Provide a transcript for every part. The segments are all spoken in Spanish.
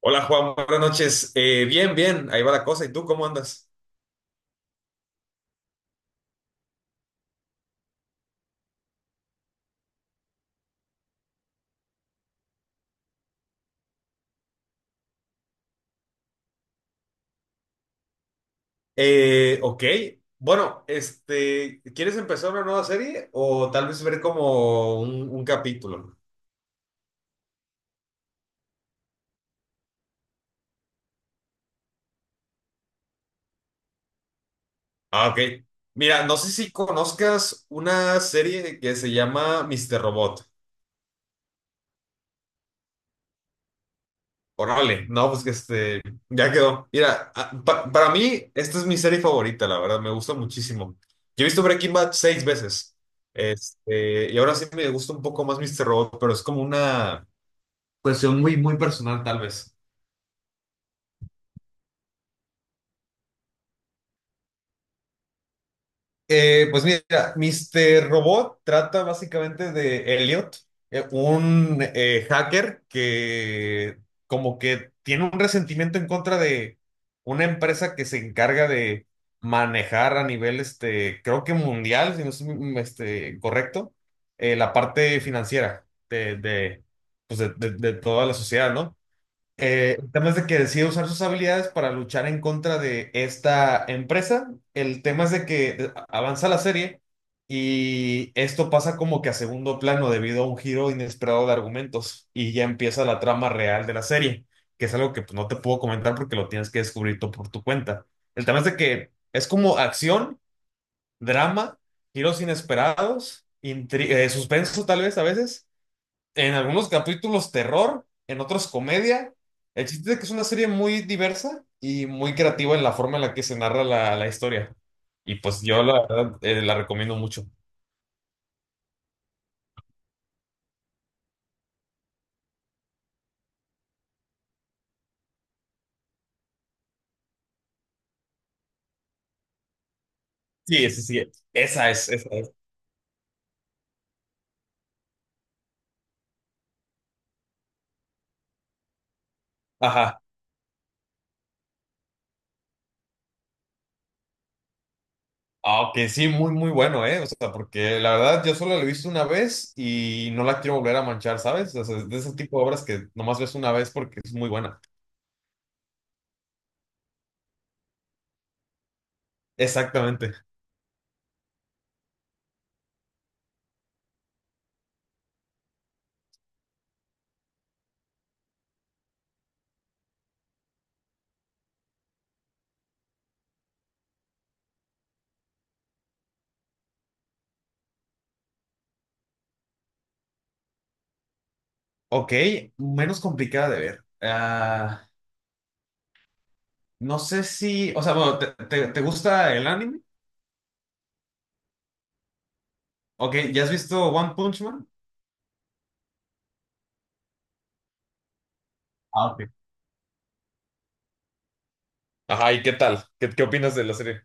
Hola Juan, buenas noches. Bien, ahí va la cosa. ¿Y tú cómo andas? Ok, bueno, este, ¿quieres empezar una nueva serie o tal vez ver como un capítulo? Ah, ok. Mira, no sé si conozcas una serie que se llama Mr. Robot. Órale, no, pues que este, ya quedó. Mira, para mí esta es mi serie favorita, la verdad, me gusta muchísimo. Yo he visto Breaking Bad seis veces. Este, y ahora sí me gusta un poco más Mr. Robot, pero es como una cuestión muy, muy personal, tal vez. Pues mira, Mr. Robot trata básicamente de Elliot, un hacker que como que tiene un resentimiento en contra de una empresa que se encarga de manejar a nivel, este, creo que mundial, si no es este, correcto, la parte financiera pues de toda la sociedad, ¿no? El tema es de que decide usar sus habilidades para luchar en contra de esta empresa. El tema es de que avanza la serie y esto pasa como que a segundo plano debido a un giro inesperado de argumentos y ya empieza la trama real de la serie, que es algo que, pues, no te puedo comentar porque lo tienes que descubrir tú por tu cuenta. El tema es de que es como acción, drama, giros inesperados, suspenso tal vez, a veces en algunos capítulos terror, en otros comedia. El chiste es que es una serie muy diversa y muy creativa en la forma en la que se narra la historia. Y pues yo la verdad la recomiendo mucho. Sí, sí, sí, esa es, esa es. Ajá. Aunque sí, muy, muy bueno, ¿eh? O sea, porque la verdad yo solo la he visto una vez y no la quiero volver a manchar, ¿sabes? O sea, es de ese tipo de obras que nomás ves una vez porque es muy buena. Exactamente. Ok, menos complicada de ver. No sé si, o sea, bueno, te gusta el anime? Ok, ¿ya has visto One Punch Man? Ah, ok. Ajá, ¿y qué tal? ¿Qué opinas de la serie?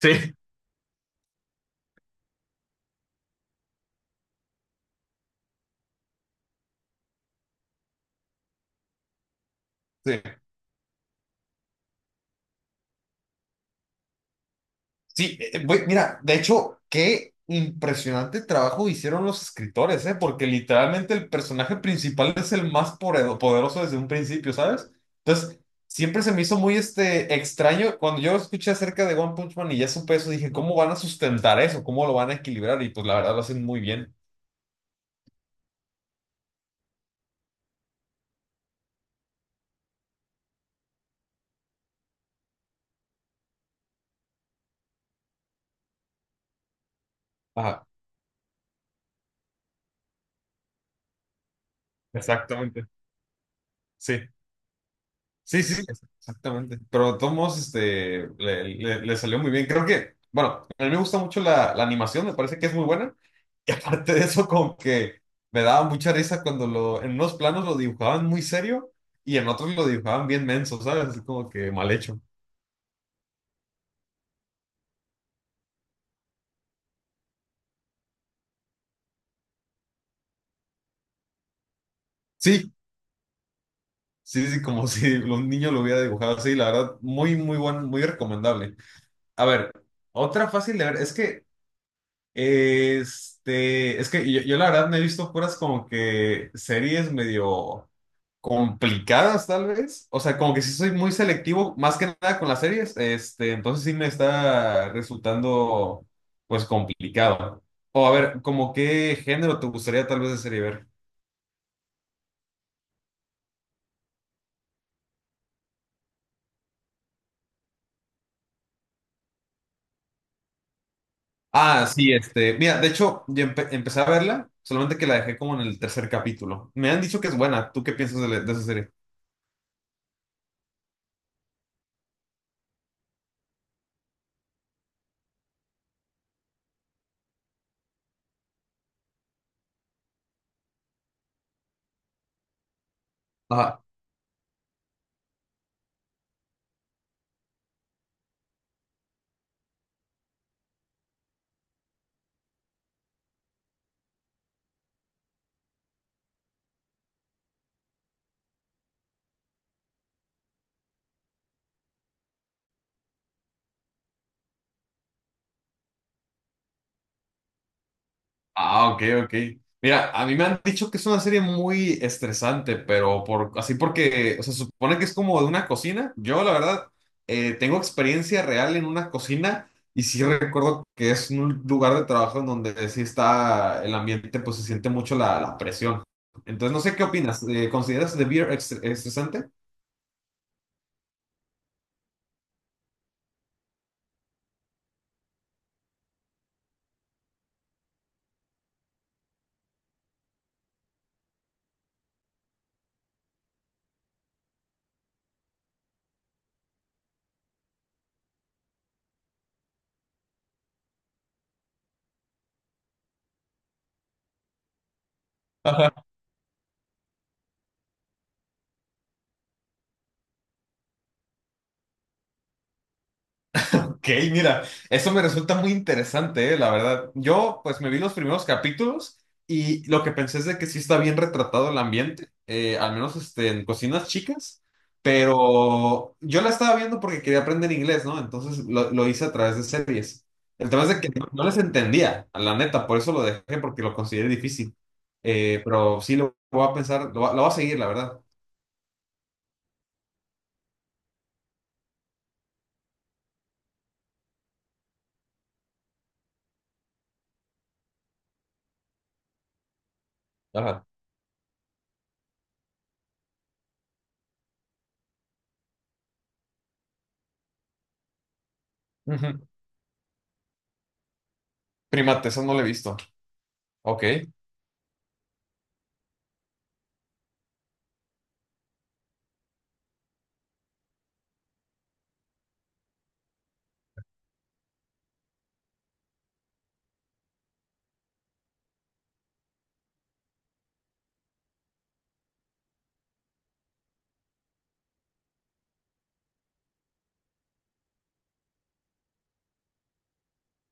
Sí. Sí. Sí, güey, mira, de hecho, qué impresionante trabajo hicieron los escritores, ¿eh? Porque literalmente el personaje principal es el más poderoso desde un principio, ¿sabes? Entonces, siempre se me hizo muy este, extraño. Cuando yo escuché acerca de One Punch Man y ya supe eso, dije, ¿cómo van a sustentar eso? ¿Cómo lo van a equilibrar? Y pues la verdad lo hacen muy bien. Ajá, exactamente. Sí, sí, sí, exactamente. Pero de todos modos, este, le salió muy bien. Creo que, bueno, a mí me gusta mucho la animación, me parece que es muy buena. Y aparte de eso, como que me daba mucha risa cuando en unos planos lo dibujaban muy serio y en otros lo dibujaban bien menso, ¿sabes? Así como que mal hecho. Sí, sí, sí, como si un niño lo hubiera dibujado así. La verdad, muy, muy buen, muy recomendable. A ver, otra fácil de ver, es que... Este, es que yo la verdad me he visto puras como que series medio complicadas, tal vez. O sea, como que sí soy muy selectivo, más que nada con las series. Este, entonces sí me está resultando, pues, complicado. O a ver, como qué género te gustaría tal vez de serie ver. Ah, sí, este. Mira, de hecho, yo empecé a verla, solamente que la dejé como en el tercer capítulo. Me han dicho que es buena. ¿Tú qué piensas de esa serie? Ajá. Ah, ok, ok. Mira, a mí me han dicho que es una serie muy estresante, pero así porque, o sea, supone que es como de una cocina. Yo, la verdad, tengo experiencia real en una cocina y sí recuerdo que es un lugar de trabajo en donde sí está el ambiente, pues se siente mucho la presión. Entonces, no sé qué opinas. ¿Consideras The Beer estresante? Ok, mira, eso me resulta muy interesante, la verdad. Yo, pues, me vi los primeros capítulos y lo que pensé es de que sí está bien retratado el ambiente, al menos este, en cocinas chicas, pero yo la estaba viendo porque quería aprender inglés, ¿no? Entonces lo hice a través de series. El tema es de que no, no les entendía, a la neta, por eso lo dejé, porque lo consideré difícil. Pero sí lo voy a pensar, lo voy a seguir, la verdad. Ajá. Ujú. Primate, eso no lo he visto. Ok.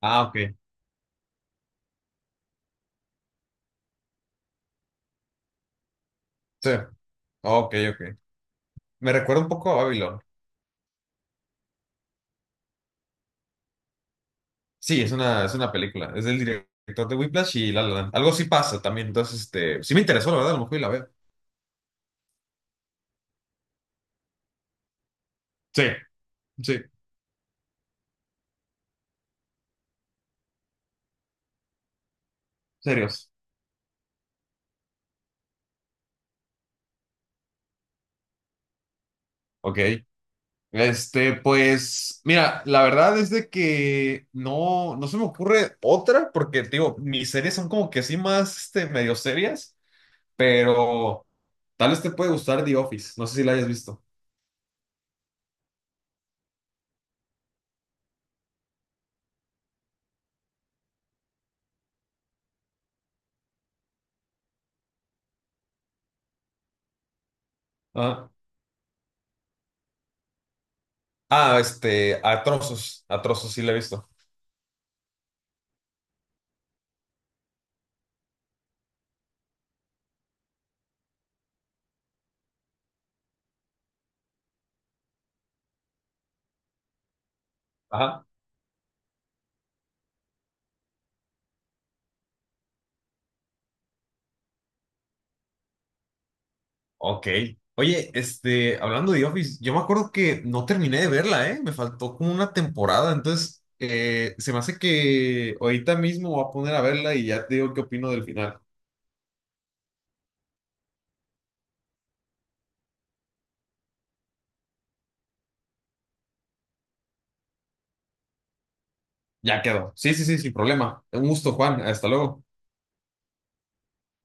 Ah, ok. Sí. Ok, ok. Me recuerda un poco a Babylon. Sí, es una película. Es del director de Whiplash y La La Land. Algo sí pasa también. Entonces, este, sí me interesó, la verdad, a lo mejor y la veo. Sí, sí, serios. Ok. Este, pues, mira, la verdad es de que no, no se me ocurre otra, porque, te digo, mis series son como que sí más, este, medio serias, pero tal vez te puede gustar The Office, no sé si la hayas visto. Ah, este, a trozos sí la he visto. Ajá. Ok. Oye, este, hablando de Office, yo me acuerdo que no terminé de verla, ¿eh? Me faltó como una temporada, entonces se me hace que ahorita mismo voy a poner a verla y ya te digo qué opino del final. Ya quedó. Sí, sí, sí, sin problema. Un gusto, Juan. Hasta luego.